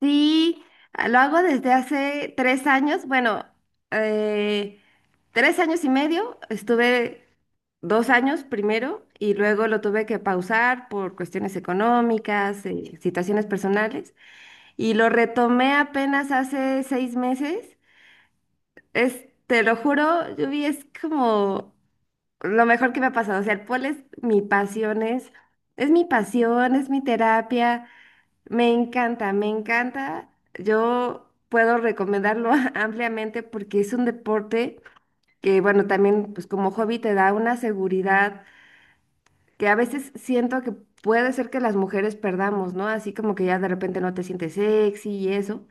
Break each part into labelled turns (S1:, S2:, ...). S1: Sí, lo hago desde hace 3 años. Bueno, eh, 3 años y medio. Estuve 2 años primero y luego lo tuve que pausar por cuestiones económicas, situaciones personales. Y lo retomé apenas hace 6 meses. Es, te lo juro, Yubi, es como lo mejor que me ha pasado. O sea, el pole es mi pasión, es mi pasión, es mi terapia. Me encanta, me encanta. Yo puedo recomendarlo ampliamente porque es un deporte que, bueno, también pues como hobby te da una seguridad que a veces siento que puede ser que las mujeres perdamos, ¿no? Así como que ya de repente no te sientes sexy y eso.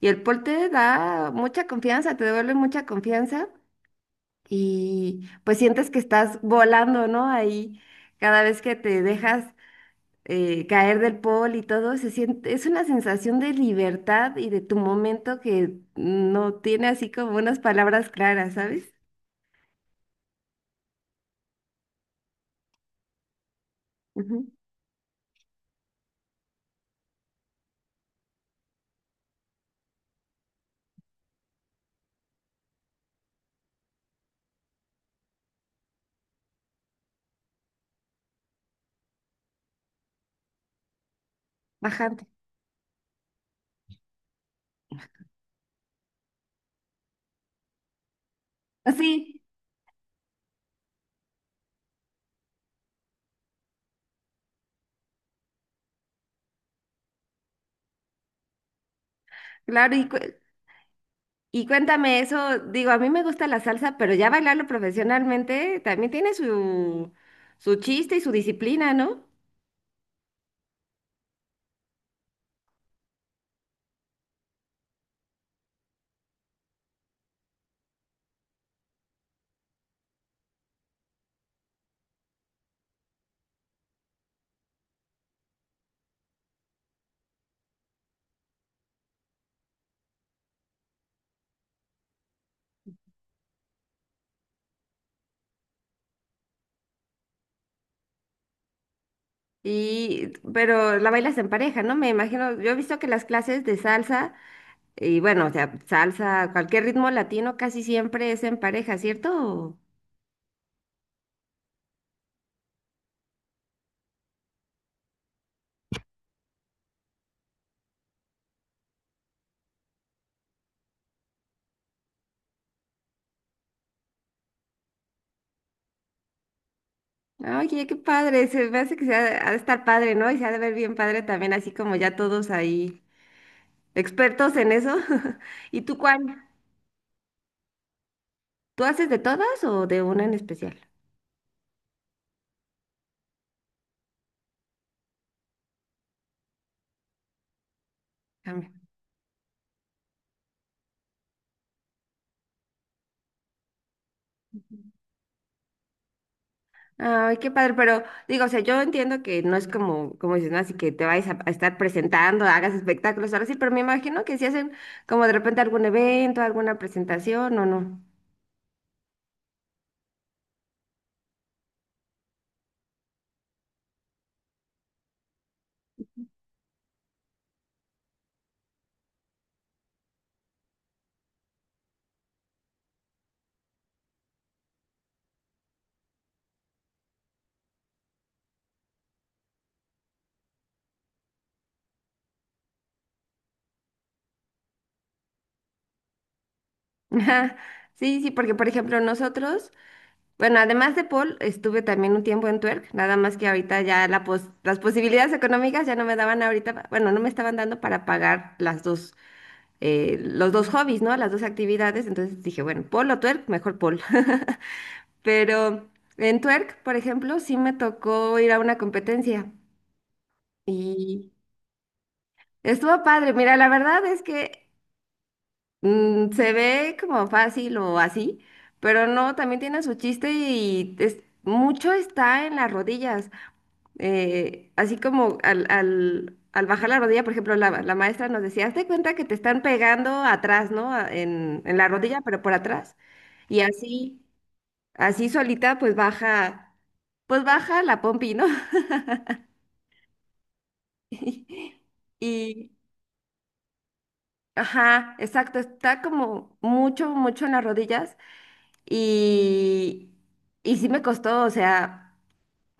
S1: Y el pol te da mucha confianza, te devuelve mucha confianza y pues sientes que estás volando, ¿no? Ahí cada vez que te dejas caer del pol y todo, se siente, es una sensación de libertad y de tu momento que no tiene así como unas palabras claras, ¿sabes? Ujú. Bajante. Sí, claro, y cuéntame eso, digo, a mí me gusta la salsa, pero ya bailarlo profesionalmente también tiene su, su chiste y su disciplina, ¿no? Y, pero la bailas en pareja, ¿no? Me imagino, yo he visto que las clases de salsa... Y bueno, o sea, salsa, cualquier ritmo latino casi siempre es en pareja, ¿cierto? Oye, qué padre, se me hace que ha de estar padre, ¿no? Y se ha de ver bien padre también, así como ya todos ahí expertos en eso. ¿Y tú cuál? ¿Tú haces de todas o de una en especial? Cambio. Ay, qué padre, pero digo, o sea, yo entiendo que no es como, como dices, ¿no? Así que te vayas a estar presentando, hagas espectáculos, ahora sí, pero me imagino que si hacen como de repente algún evento, alguna presentación o no. Ajá. Sí, sí, porque por ejemplo nosotros... Bueno, además de Paul, estuve también un tiempo en Twerk, nada más que ahorita ya las posibilidades económicas ya no me daban ahorita, bueno, no me estaban dando para pagar las dos, los dos hobbies, ¿no? Las dos actividades, entonces dije, bueno, Paul o Twerk, mejor Paul. Pero en Twerk, por ejemplo, sí me tocó ir a una competencia y estuvo padre. Mira, la verdad es que se ve como fácil o así, pero no, también tiene su chiste y mucho está en las rodillas. Así como al bajar la rodilla, por ejemplo, la maestra nos decía, hazte cuenta que te están pegando atrás, ¿no? En la rodilla, pero por atrás. Y así, así solita, pues baja la pompi, ¿no? Y, ajá, exacto, está como mucho, mucho en las rodillas. Y, y sí me costó, o sea,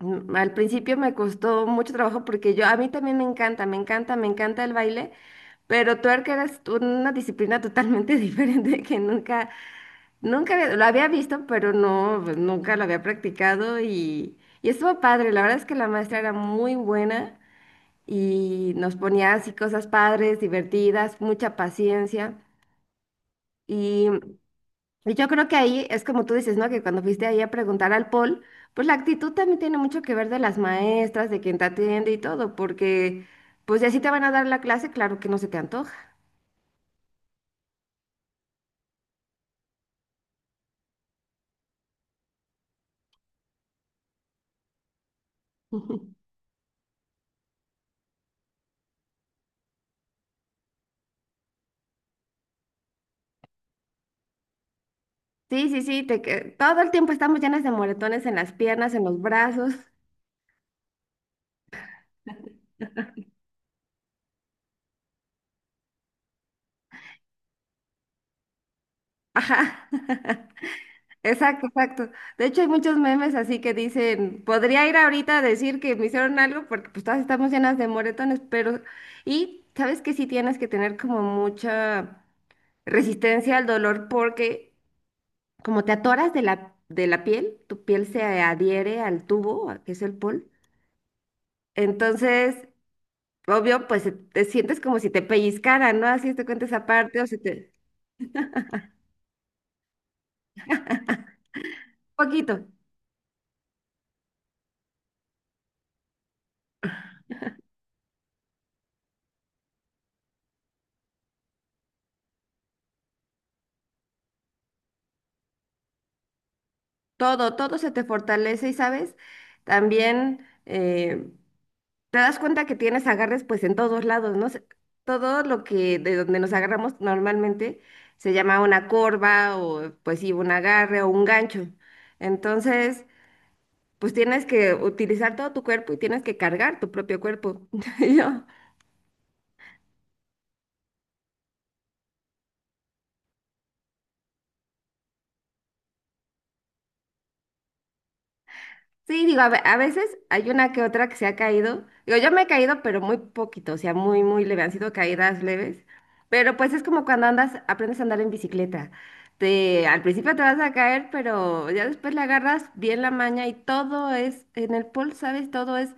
S1: al principio me costó mucho trabajo porque yo, a mí también me encanta, me encanta, me encanta el baile. Pero twerk era una disciplina totalmente diferente que nunca, lo había visto, pero no, pues, nunca lo había practicado y estuvo padre. La verdad es que la maestra era muy buena y nos ponía así cosas padres, divertidas, mucha paciencia. Y, y yo creo que ahí es como tú dices, ¿no? Que cuando fuiste ahí a preguntar al Paul, pues la actitud también tiene mucho que ver de las maestras, de quien te atiende y todo, porque pues si así te van a dar la clase, claro que no se te antoja. Sí, sí, sí, todo el tiempo estamos llenas de moretones en las piernas, en los brazos. Ajá. Exacto, exacto. De hecho, hay muchos memes así que dicen, podría ir ahorita a decir que me hicieron algo porque pues todas estamos llenas de moretones, pero y sabes que sí tienes que tener como mucha resistencia al dolor porque como te atoras de la piel, tu piel se adhiere al tubo, que es el pol. Entonces, obvio, pues te sientes como si te pellizcaran, ¿no? Así te cuenta esa parte o se te... Poquito, todo, todo se te fortalece y, ¿sabes? También te das cuenta que tienes agarres pues en todos lados, ¿no? Todo lo que de donde nos agarramos normalmente se llama una corva o pues sí, un agarre o un gancho. Entonces, pues tienes que utilizar todo tu cuerpo y tienes que cargar tu propio cuerpo. Y yo, sí, digo, a veces hay una que otra que se ha caído. Digo, yo me he caído, pero muy poquito, o sea, muy, muy leve. Han sido caídas leves. Pero pues es como cuando andas, aprendes a andar en bicicleta. Te, al principio te vas a caer, pero ya después le agarras bien la maña y todo es, en el pol, ¿sabes?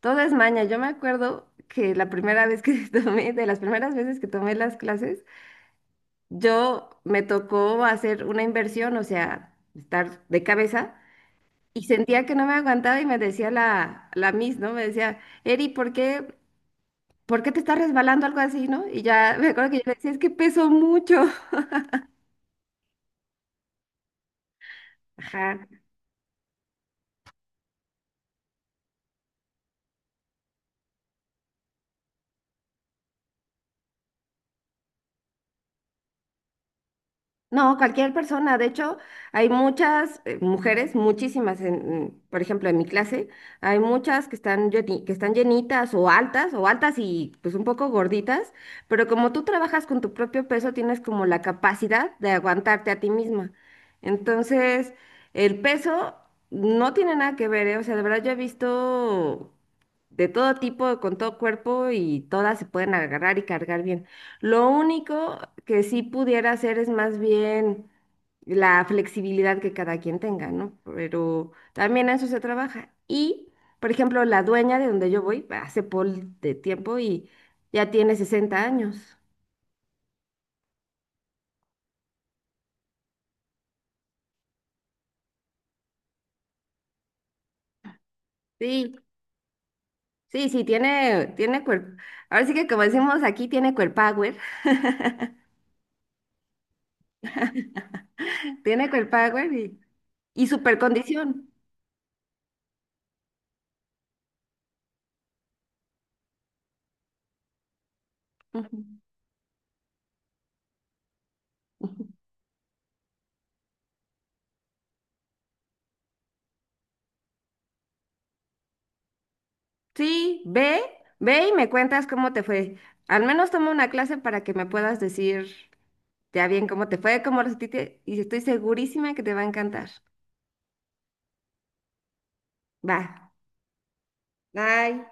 S1: Todo es maña. Yo me acuerdo que la primera vez que de las primeras veces que tomé las clases, yo me tocó hacer una inversión, o sea, estar de cabeza. Y sentía que no me aguantaba y me decía la Miss, ¿no? Me decía, Eri, ¿ por qué te estás resbalando? Algo así, ¿no? Y ya me acuerdo que yo le decía, es que peso mucho. Ajá. No, cualquier persona. De hecho, hay muchas mujeres, muchísimas, por ejemplo, en mi clase, hay muchas que están, que están llenitas o altas y pues un poco gorditas, pero como tú trabajas con tu propio peso, tienes como la capacidad de aguantarte a ti misma. Entonces, el peso no tiene nada que ver, ¿eh? O sea, de verdad yo he visto de todo tipo, con todo cuerpo y todas se pueden agarrar y cargar bien. Lo único que sí pudiera hacer es más bien la flexibilidad que cada quien tenga, ¿no? Pero también a eso se trabaja. Y, por ejemplo, la dueña de donde yo voy, hace pol de tiempo y ya tiene 60 años. Sí, sí, sí, tiene cuerpo. Ahora sí que como decimos aquí, tiene cuerpower, tiene cuerpower y supercondición. Ujú. Sí, ve, ve y me cuentas cómo te fue. Al menos toma una clase para que me puedas decir ya bien cómo te fue, cómo lo sentiste, y estoy segurísima que te va a encantar. Va, bye.